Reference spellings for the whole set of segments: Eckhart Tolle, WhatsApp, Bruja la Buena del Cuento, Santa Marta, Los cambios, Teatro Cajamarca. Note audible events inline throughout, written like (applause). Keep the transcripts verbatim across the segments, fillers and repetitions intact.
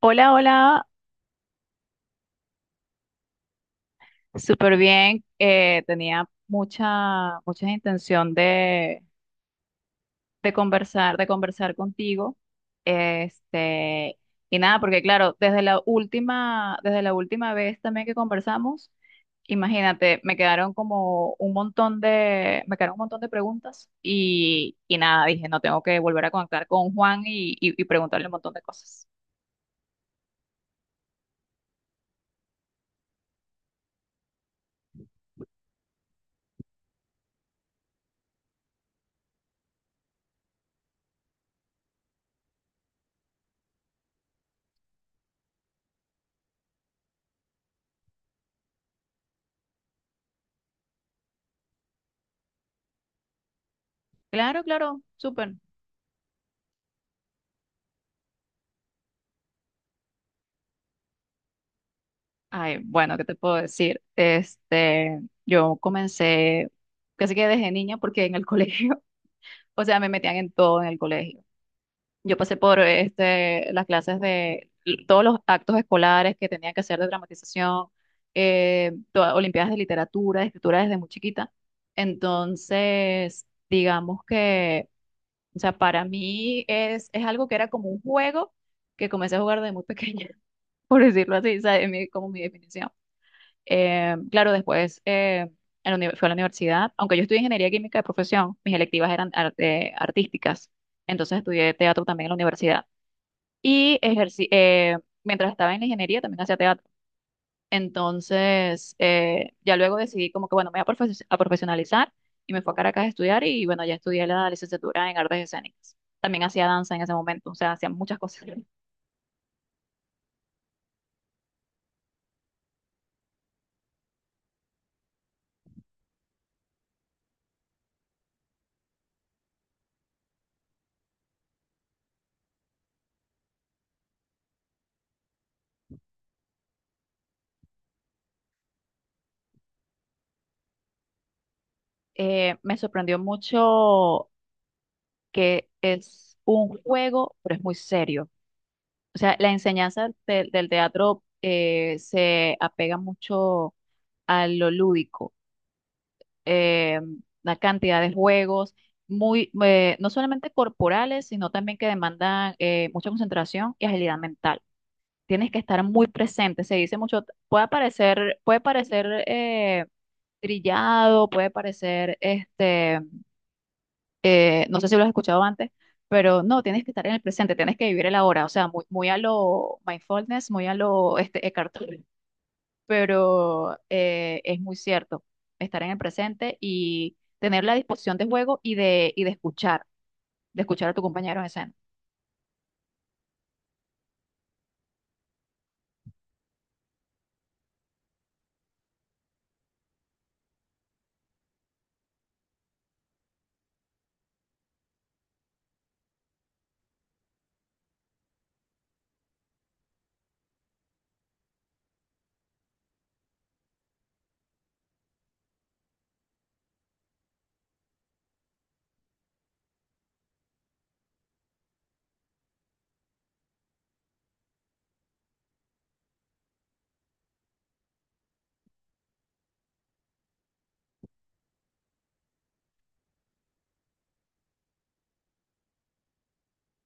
Hola, hola, súper bien. Eh, tenía mucha, mucha intención de, de conversar, de conversar contigo. Este, y nada, porque claro, desde la última, desde la última vez también que conversamos, imagínate, me quedaron como un montón de, me quedaron un montón de preguntas y, y nada, dije, no tengo que volver a conectar con Juan y, y y preguntarle un montón de cosas. Claro, claro, súper. Ay, bueno, ¿qué te puedo decir? Este, yo comencé, casi que desde niña porque en el (laughs) colegio, o sea, me metían en todo en el colegio. Yo pasé por este, las clases de todos los actos escolares que tenía que hacer de dramatización, eh, todas- olimpiadas de literatura, de escritura desde muy chiquita. Entonces, digamos que, o sea, para mí es, es algo que era como un juego que comencé a jugar desde muy pequeña, (laughs) por decirlo así, o sea, es mi- como mi definición. Eh, claro, después eh, en la uni- fui a la universidad, aunque yo estudié ingeniería química de profesión, mis electivas eran arte- artísticas, entonces estudié teatro también en la universidad. Y ejercí, eh, mientras estaba en la ingeniería también hacía teatro. Entonces, eh, ya luego decidí como que, bueno, me voy a, profe- a profesionalizar y me fui a Caracas a estudiar y bueno, ya estudié la licenciatura en artes escénicas. También hacía danza en ese momento, o sea, hacía muchas cosas. Eh, me sorprendió mucho que es un juego, pero es muy serio. O sea, la enseñanza del del teatro eh, se apega mucho a lo lúdico, eh, la cantidad de juegos, muy, eh, no solamente corporales, sino también que demandan eh, mucha concentración y agilidad mental. Tienes que estar muy presente, se dice mucho, puede parecer, puede parecer eh, trillado, puede parecer este eh, no sé si lo has escuchado antes, pero no, tienes que estar en el presente, tienes que vivir el ahora, o sea, muy, muy a lo mindfulness, muy a lo este, Eckhart Tolle, pero eh, es muy cierto, estar en el presente y tener la disposición de juego y de, y de escuchar, de escuchar a tu compañero en escena.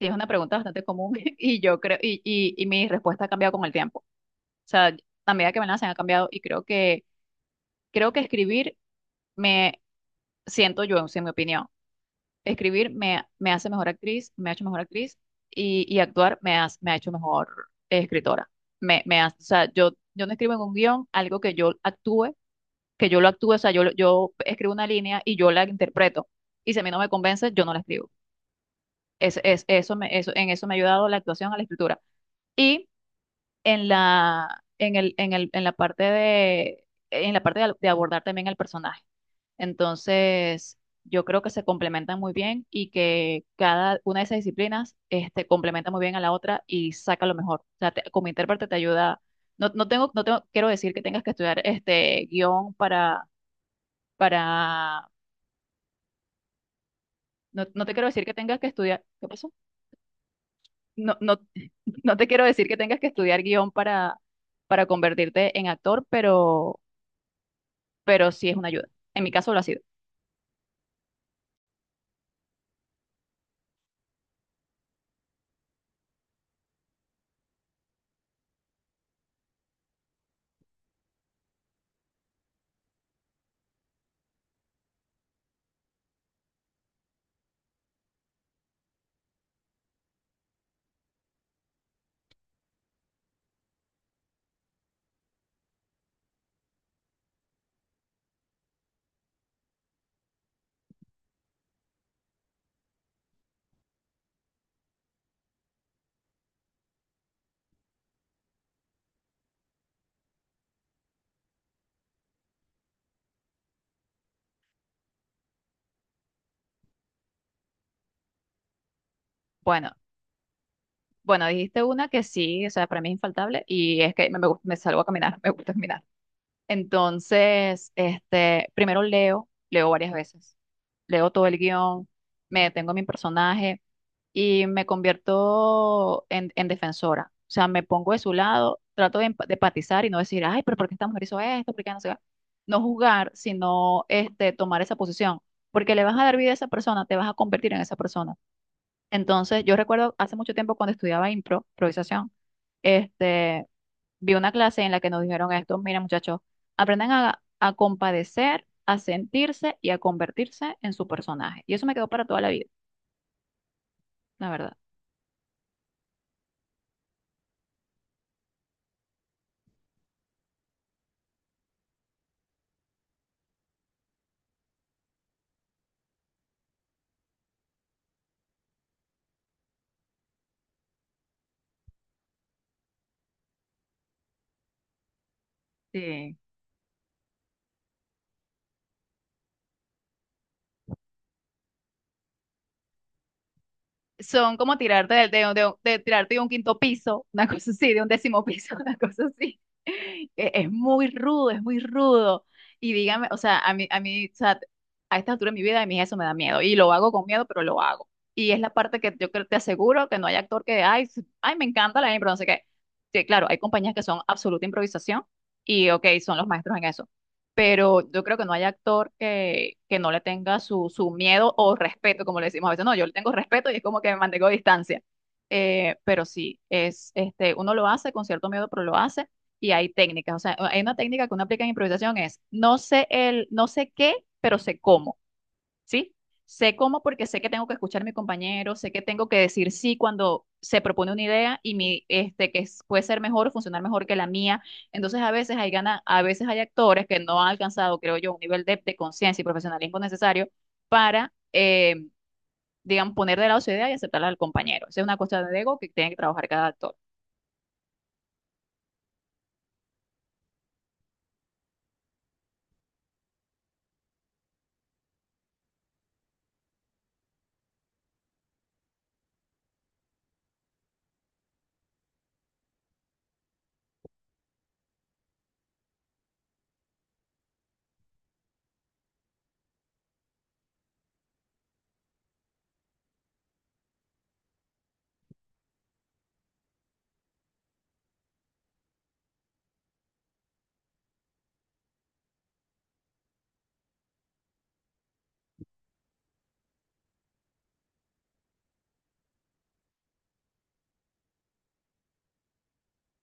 Sí, es una pregunta bastante común (laughs) y yo creo, y, y, y mi respuesta ha cambiado con el tiempo. O sea, a medida que me la hacen ha cambiado y creo que, creo que escribir me siento yo, en mi opinión. Escribir me, me hace mejor actriz, me ha hecho mejor actriz y, y actuar me, hace- me ha hecho mejor eh, escritora. Me, me hace- o sea, yo, yo no escribo en un guión algo que yo actúe, que yo lo actúe, o sea, yo, lo- yo escribo una línea y yo la interpreto. Y si a mí no me convence, yo no la escribo. Es, es, eso me, eso, en eso me ha ayudado la actuación a la escritura. Y en la, en el, en el, en la parte de, en la parte de, de abordar también el personaje. Entonces, yo creo que se complementan muy bien y que cada una de esas disciplinas, este, complementa muy bien a la otra y saca lo mejor. O sea, te- como intérprete te ayuda. No, no tengo, no tengo, quiero decir que tengas que estudiar este guión para, para, no, no te quiero decir que tengas que estudiar. ¿Qué pasó? No, no, (laughs) no te quiero decir que tengas que estudiar guión para, para convertirte en actor, pero pero sí es una ayuda. En mi caso lo ha sido. Bueno, bueno, dijiste una que sí, o sea, para mí es infaltable y es que me, me, gu- me salgo a caminar, (laughs) me gusta caminar. Entonces, este, primero leo, leo varias veces, leo todo el guión, me detengo en mi personaje y me convierto en, en defensora. O sea, me pongo de su lado, trato de, empa- de empatizar y no decir, ay, pero ¿por qué esta mujer hizo esto? ¿Por qué no se va? No juzgar, sino este, tomar esa posición, porque le vas a dar vida a esa persona, te vas a convertir en esa persona. Entonces, yo recuerdo hace mucho tiempo cuando estudiaba impro, improvisación, este, vi una clase en la que nos dijeron esto, mira muchachos, aprendan a, a compadecer, a sentirse y a convertirse en su personaje. Y eso me quedó para toda la vida, la verdad. Sí, son como tirarte de, de- de- de tirarte de un quinto piso, una (laughs) cosa así, de un décimo piso, (laughs) una cosa así. E- Es muy rudo, es muy rudo. Y dígame, o sea, a mí, a mí, o sea, a esta altura de mi vida, a mí eso me da miedo. Y lo hago con miedo, pero lo hago. Y es la parte que yo creo, te aseguro que no hay actor que, ay, s- ay, me encanta la impro, no sé qué. Sí, claro, hay compañías que son absoluta improvisación y, ok, son los maestros en eso, pero yo creo que no hay actor que, que no le tenga su, su miedo o respeto, como le decimos a veces. No, yo le tengo respeto y es como que me mantengo a distancia. Eh, pero sí, es, este, uno lo hace con cierto miedo, pero lo hace y hay técnicas. O sea, hay una técnica que uno aplica en improvisación es, no sé el, no sé qué, pero sé cómo. ¿Sí? Sé cómo porque sé que tengo que escuchar a mi compañero, sé que tengo que decir sí cuando se propone una idea y mi, este, que es- puede ser mejor o funcionar mejor que la mía. Entonces, a veces hay gana, a veces hay actores que no han alcanzado, creo yo, un nivel de, de conciencia y profesionalismo necesario para, eh, digamos, poner de lado su idea y aceptarla al compañero. Esa es una cuestión de ego que tiene que trabajar cada actor.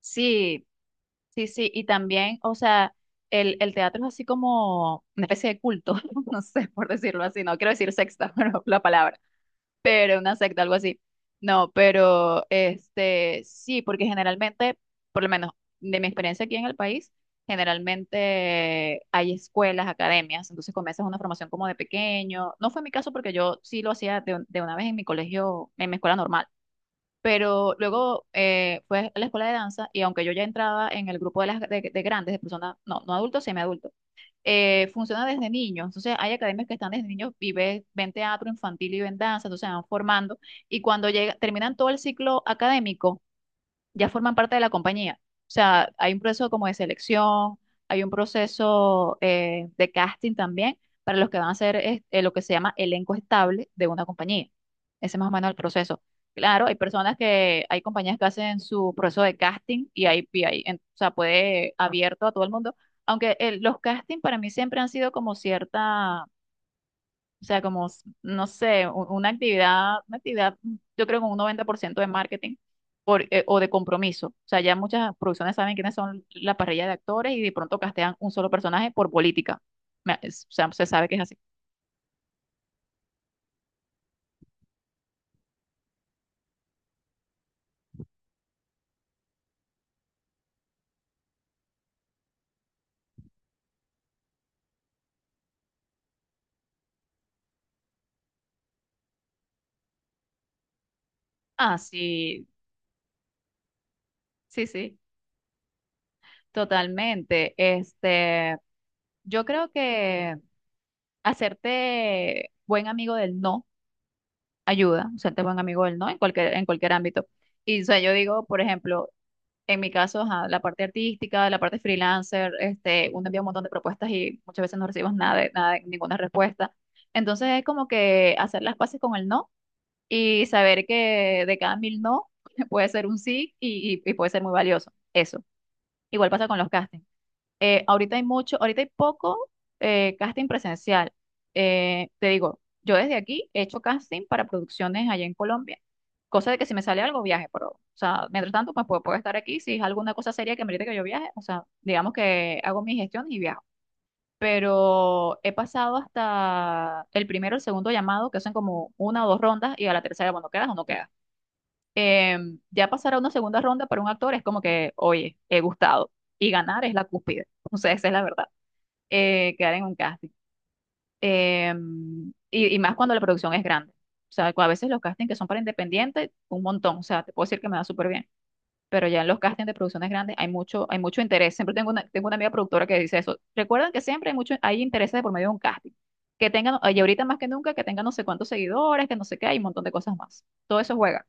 Sí, sí, sí. Y también, o sea, el, el teatro es así como una especie de culto, (laughs) no sé, por decirlo así, no quiero decir sexta, (laughs) pero la palabra, pero una secta, algo así. No, pero este sí, porque generalmente, por lo menos de mi experiencia aquí en el país, generalmente hay escuelas, academias, entonces comienzas una formación como de pequeño. No fue mi caso porque yo sí lo hacía de, un- de una vez en mi colegio, en mi escuela normal. Pero luego eh, fue a la escuela de danza y aunque yo ya entraba en el grupo de, las, de, de grandes, de personas, no, no adultos, semi, eh, funciona desde niños. Entonces, hay academias que están desde niños y ven, ven teatro infantil y ven danza, entonces se van formando. Y cuando llega, terminan todo el ciclo académico, ya forman parte de la compañía. O sea, hay un proceso como de selección, hay un proceso eh, de casting también para los que van a ser es- eh, lo que se llama elenco estable de una compañía. Ese es más o menos el proceso. Claro, hay personas que, hay compañías que hacen su proceso de casting y hay, y hay, en- o sea, puede abierto a todo el mundo, aunque el- los castings para mí siempre han sido como cierta, o sea, como, s- no sé, u- una actividad, una actividad, mm, yo creo que un noventa por ciento de marketing por, eh, o de compromiso. O sea, ya muchas producciones saben quiénes son la parrilla de actores y de pronto castean un solo personaje por política. Me- es- o sea, se sabe que es así. Ah, sí, sí, sí, totalmente. Este, yo creo que hacerte buen amigo del no ayuda, hacerte buen amigo del no en cualquier, en cualquier ámbito. Y o sea, yo digo, por ejemplo, en mi caso, ajá, la parte artística, la parte freelancer, este, uno envía un montón de propuestas y muchas veces no recibimos nada de, nada de- ninguna respuesta. Entonces es como que hacer las paces con el no y saber que de cada mil no (laughs) puede ser un sí y, y- y puede ser muy valioso. Eso. Igual pasa con los castings eh, ahorita hay mucho, ahorita hay poco eh, casting presencial. Eh, te digo, yo desde aquí he hecho casting para producciones allá en Colombia, cosa de que si me sale algo viaje, pero, o sea, mientras tanto, pues puedo, puedo estar aquí, si es alguna cosa seria que merece que yo viaje, o sea, digamos que hago mi gestión y viajo. Pero he pasado hasta el primero, el segundo llamado, que hacen como una o dos rondas, y a la tercera, bueno, quedas o no quedas. Em, ya pasar a una segunda ronda para un actor es como que, oye, he gustado. Y ganar es la cúspide. (laughs) O sea, esa es la verdad, eh, quedar en un casting. Em, y, y más cuando la producción es grande. O sea, a veces los castings que son para independientes, un montón. O sea, te puedo decir que me da súper bien. Pero ya en los castings de producciones grandes hay mucho, hay mucho interés. Siempre tengo una, tengo una amiga productora que dice eso. Recuerden que siempre hay mucho, hay interés de por medio de un casting. Que tengan, y ahorita más que nunca, que tengan no sé cuántos seguidores, que no sé qué, hay un montón de cosas más. Todo eso juega.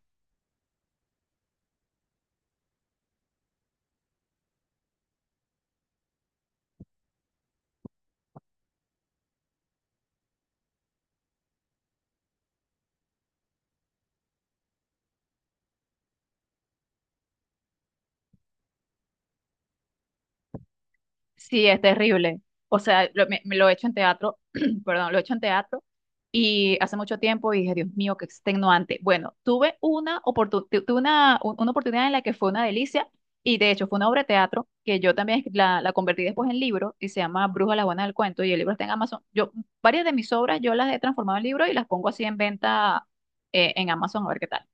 Sí, es terrible. O sea, lo, me- me lo he hecho en teatro, (clears throat) perdón, lo he hecho en teatro. Y hace mucho tiempo y dije, Dios mío, qué extenuante. Bueno, tuve una, oportu- tu- tuve una, un- una oportunidad en la que fue una delicia y de hecho fue una obra de teatro que yo también escri- la, la convertí después en libro y se llama Bruja la Buena del Cuento y el libro está en Amazon. Yo, varias de mis obras yo las he transformado en libro y las pongo así en venta eh, en Amazon a ver qué tal.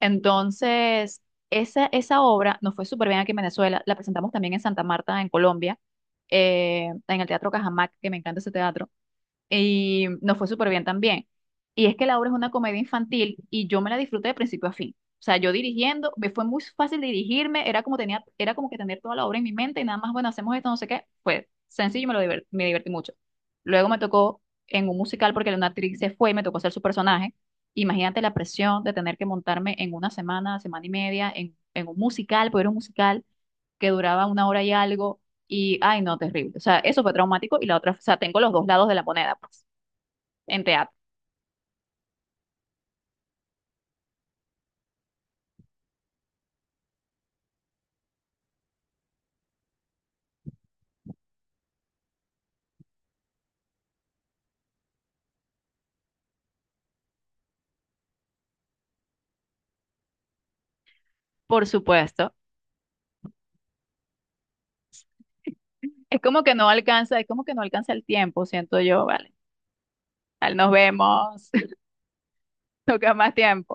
Entonces, esa, esa obra nos fue súper bien aquí en Venezuela. La presentamos también en Santa Marta, en Colombia, eh, en el Teatro Cajamarca, que me encanta ese teatro y nos fue súper bien también. Y es que la obra es una comedia infantil y yo me la disfruté de principio a fin. O sea, yo dirigiendo, me fue muy fácil dirigirme, era como tenía, era como que tener toda la obra en mi mente y nada más, bueno, hacemos esto, no sé qué. Fue sencillo y me lo diver- me divertí mucho. Luego me tocó en un musical porque una actriz se fue y me tocó hacer su personaje. Imagínate la presión de tener que montarme en una semana, semana y media, en, en un musical, porque era un musical que duraba una hora y algo y, ay, no, terrible. O sea, eso fue traumático y la otra, o sea, tengo los dos lados de la moneda, pues, en teatro, por supuesto. Es como que no alcanza, es como que no alcanza el tiempo, siento yo, vale. al Nos vemos, (laughs) toca más tiempo.